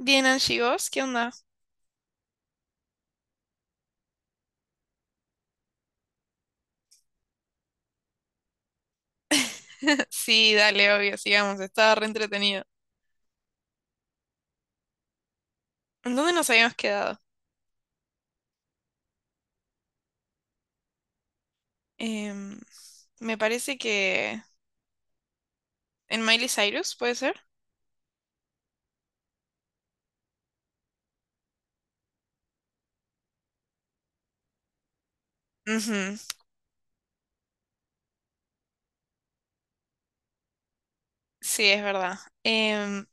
Bien, Angie, ¿vos? ¿Qué onda? Sí, dale, obvio, sigamos, estaba re entretenido. ¿En dónde nos habíamos quedado? Em, me parece que en Miley Cyrus, ¿puede ser? Ujú. Sí, es verdad. Em,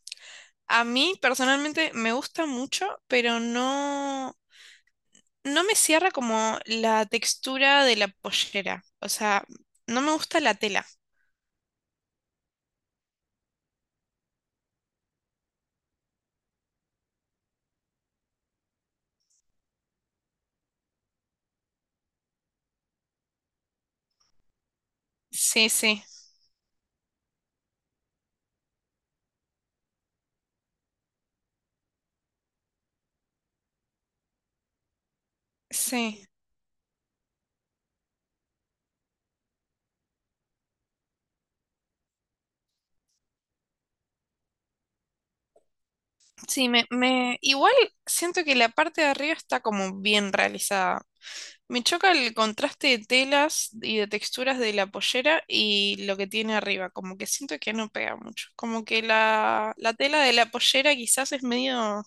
a mí personalmente me gusta mucho, pero no, no me cierra como la textura de la pollera. O sea, no me gusta la tela. Sí, sí, sí. Sí, igual siento que la parte de arriba está como bien realizada. Me choca el contraste de telas y de texturas de la pollera y lo que tiene arriba, como que siento que no pega mucho, como que la tela de la pollera quizás es medio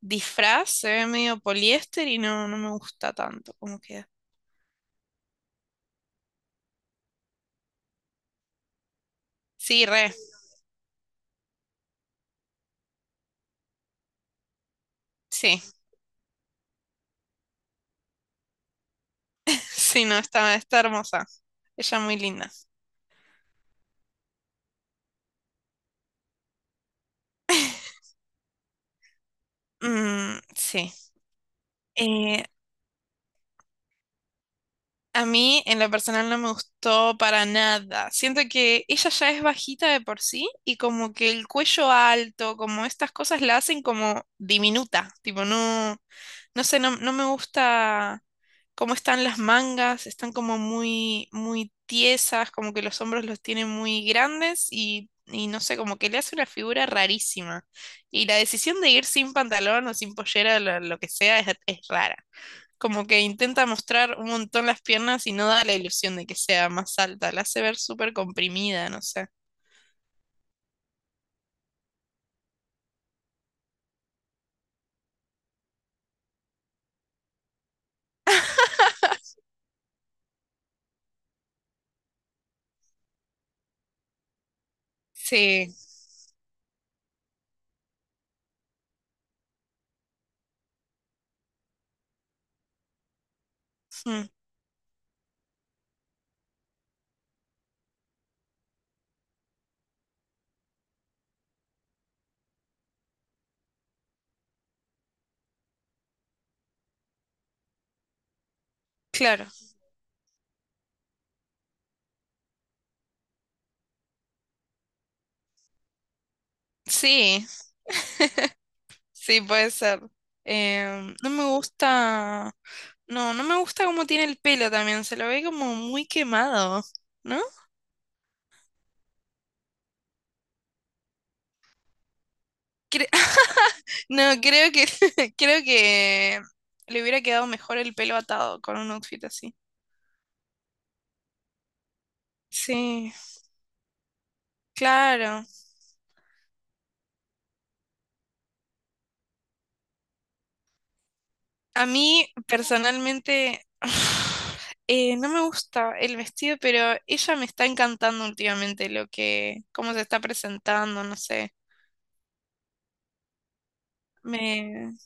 disfraz, se ve medio poliéster y no, no me gusta tanto como queda. Sí, re, sí, sí, no, está, está hermosa, ella muy linda. Mm, sí. Eh, a mí en lo personal no me gustó para nada. Siento que ella ya es bajita de por sí y como que el cuello alto, como estas cosas la hacen como diminuta. Tipo, no, no sé, no, no me gusta cómo están las mangas, están como muy, muy tiesas, como que los hombros los tienen muy grandes y no sé, como que le hace una figura rarísima. Y la decisión de ir sin pantalón o sin pollera, lo que sea, es rara. Como que intenta mostrar un montón las piernas y no da la ilusión de que sea más alta. La hace ver súper comprimida, no sé. Sí, mm, claro. Sí, sí, puede ser. No me gusta. No, no me gusta cómo tiene el pelo también. Se lo ve como muy quemado, ¿no? Cre- no, creo que creo que le hubiera quedado mejor el pelo atado con un outfit así. Sí, claro. A mí personalmente no me gusta el vestido, pero ella me está encantando últimamente lo que, cómo se está presentando, no sé. Me...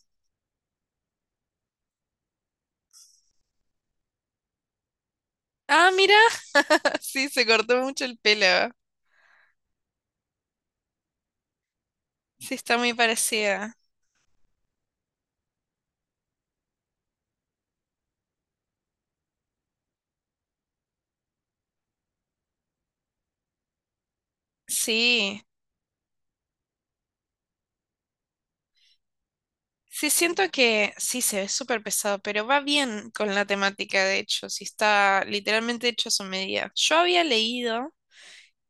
Ah, mira, sí, se cortó mucho el pelo. Sí, está muy parecida. Sí, sí, siento que sí, se ve súper pesado, pero va bien con la temática, de hecho, sí está literalmente hecho a su medida. Yo había leído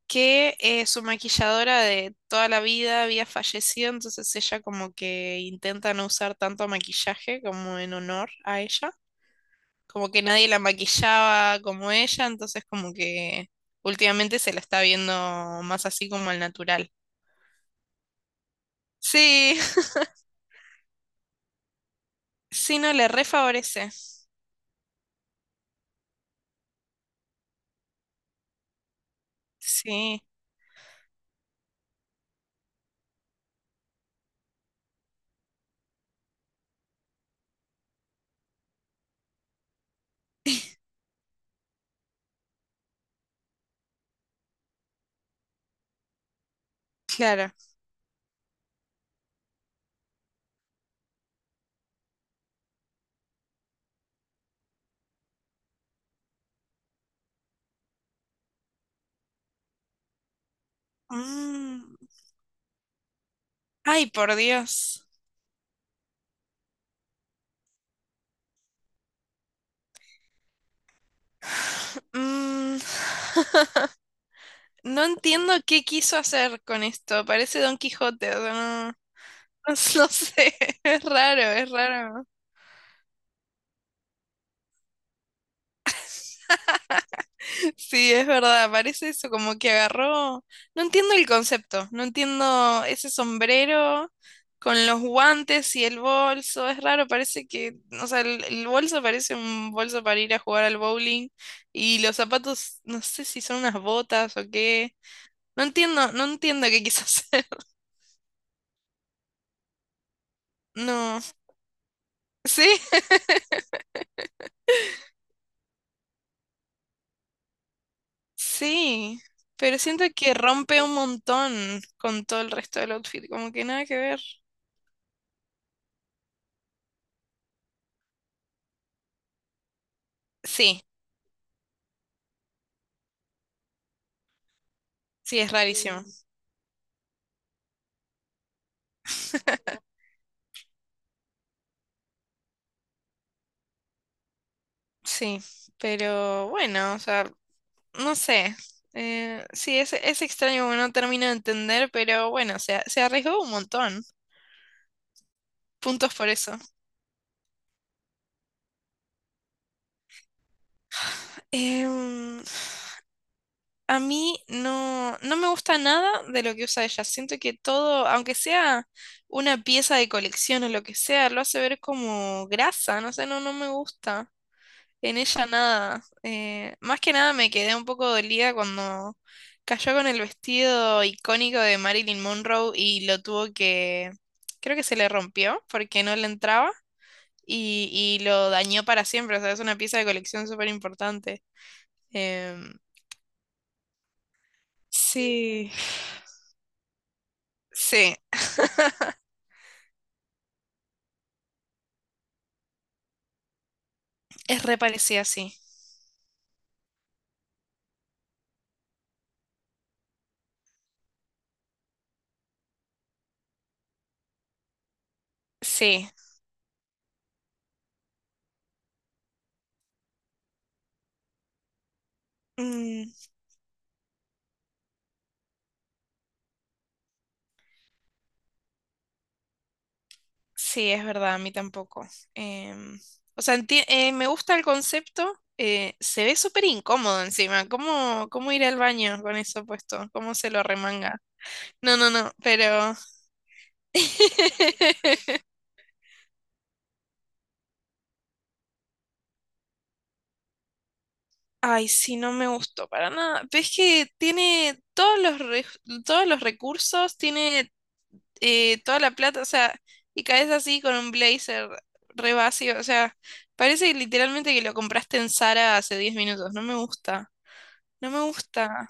que su maquilladora de toda la vida había fallecido, entonces ella como que intenta no usar tanto maquillaje como en honor a ella, como que nadie la maquillaba como ella, entonces como que últimamente se la está viendo más así como al natural. Sí, sí, no le refavorece. Sí, claro. Mm. Ay, por Dios. Mm. No entiendo qué quiso hacer con esto. Parece Don Quijote. O sea, no sé, es raro, es raro. Sí, es verdad, parece eso, como que agarró. No entiendo el concepto, no entiendo ese sombrero con los guantes y el bolso, es raro, parece que, o sea, el bolso parece un bolso para ir a jugar al bowling y los zapatos, no sé si son unas botas o qué. No entiendo, no entiendo qué quiso hacer. No, sí, sí, pero siento que rompe un montón con todo el resto del outfit, como que nada que ver. Sí, sí, es rarísimo. Mm. Sí, pero bueno, o sea, no sé. Sí, es extraño porque no termino de entender, pero bueno, se arriesgó un montón. Puntos por eso. Em, a mí no, no me gusta nada de lo que usa ella. Siento que todo, aunque sea una pieza de colección o lo que sea, lo hace ver como grasa, no sé, no, no me gusta. En ella nada. Más que nada me quedé un poco dolida cuando cayó con el vestido icónico de Marilyn Monroe y lo tuvo que. Creo que se le rompió porque no le entraba y lo dañó para siempre. O sea, es una pieza de colección súper importante. Em, sí, sí, es re parecida, sí. Sí. Sí, es verdad, a mí tampoco. Em, o sea, me gusta el concepto. Eh, se ve súper incómodo encima. ¿Cómo, cómo ir al baño con eso puesto? ¿Cómo se lo remanga? No, no, no, pero... Ay, sí, no me gustó para nada. Ves que tiene todos los, todos los recursos, tiene toda la plata, o sea, y caes así con un blazer re vacío, o sea, parece literalmente que lo compraste en Zara hace 10 minutos. No me gusta, no me gusta.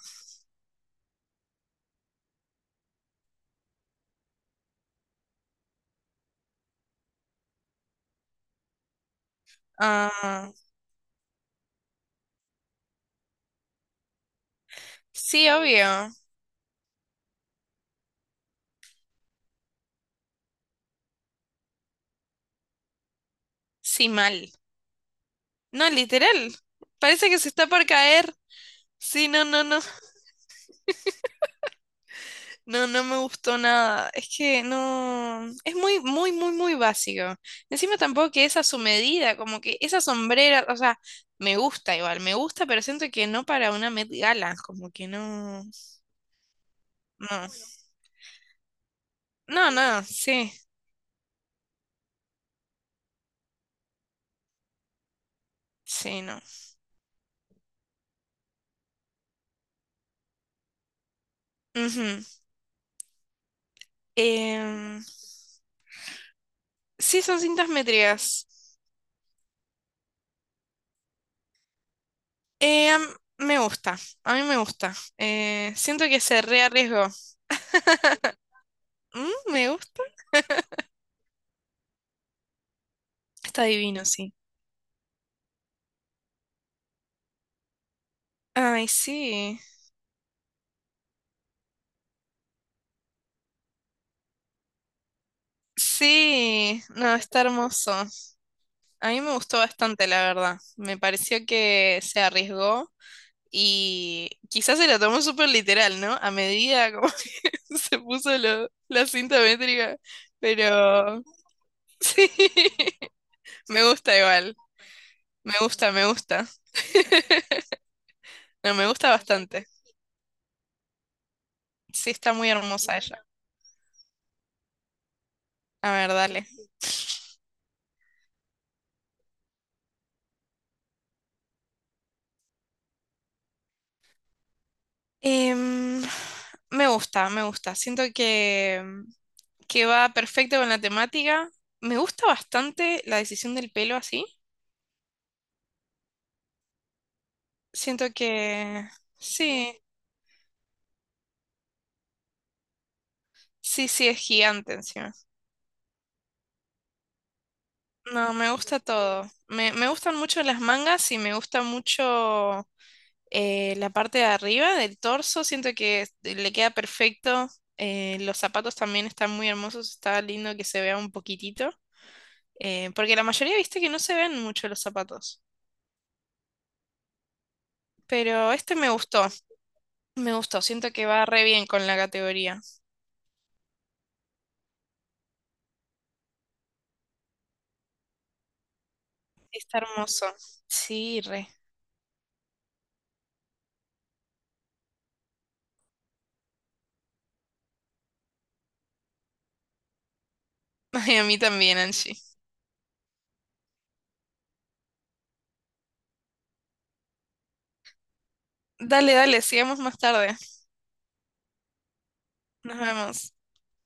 Ah, sí, obvio. Sí, mal. No, literal. Parece que se está por caer. Sí, no, no, no. No, no me gustó nada. Es que no. Es muy, muy, muy, muy básico. Encima tampoco que es a su medida, como que esa sombrera, o sea, me gusta igual, me gusta, pero siento que no para una Met Gala, como que no. No. No, no, sí. Sí, no. Ujú. Em, sí, son cintas métricas. Eh, me gusta, a mí me gusta. Siento que se rearriesgó. Mm, me gusta. Está divino, sí. Ay, sí. Sí, no, está hermoso. A mí me gustó bastante, la verdad. Me pareció que se arriesgó y quizás se la tomó súper literal, ¿no? A medida como que se puso la cinta métrica, pero sí, me gusta igual. Me gusta, me gusta. No, me gusta bastante. Sí, está muy hermosa ella. A ver, dale. Em, me gusta, me gusta. Siento que va perfecto con la temática. Me gusta bastante la decisión del pelo así. Siento que sí, sí, sí, es gigante encima. No, me gusta todo. Me gustan mucho las mangas y me gusta mucho la parte de arriba del torso. Siento que le queda perfecto. Los zapatos también están muy hermosos. Está lindo que se vea un poquitito. Porque la mayoría, viste, que no se ven mucho los zapatos. Pero este me gustó, me gustó. Siento que va re bien con la categoría. Está hermoso. Sí, re. Ay, a mí también, Angie. Dale, dale, sigamos más tarde. Nos vemos.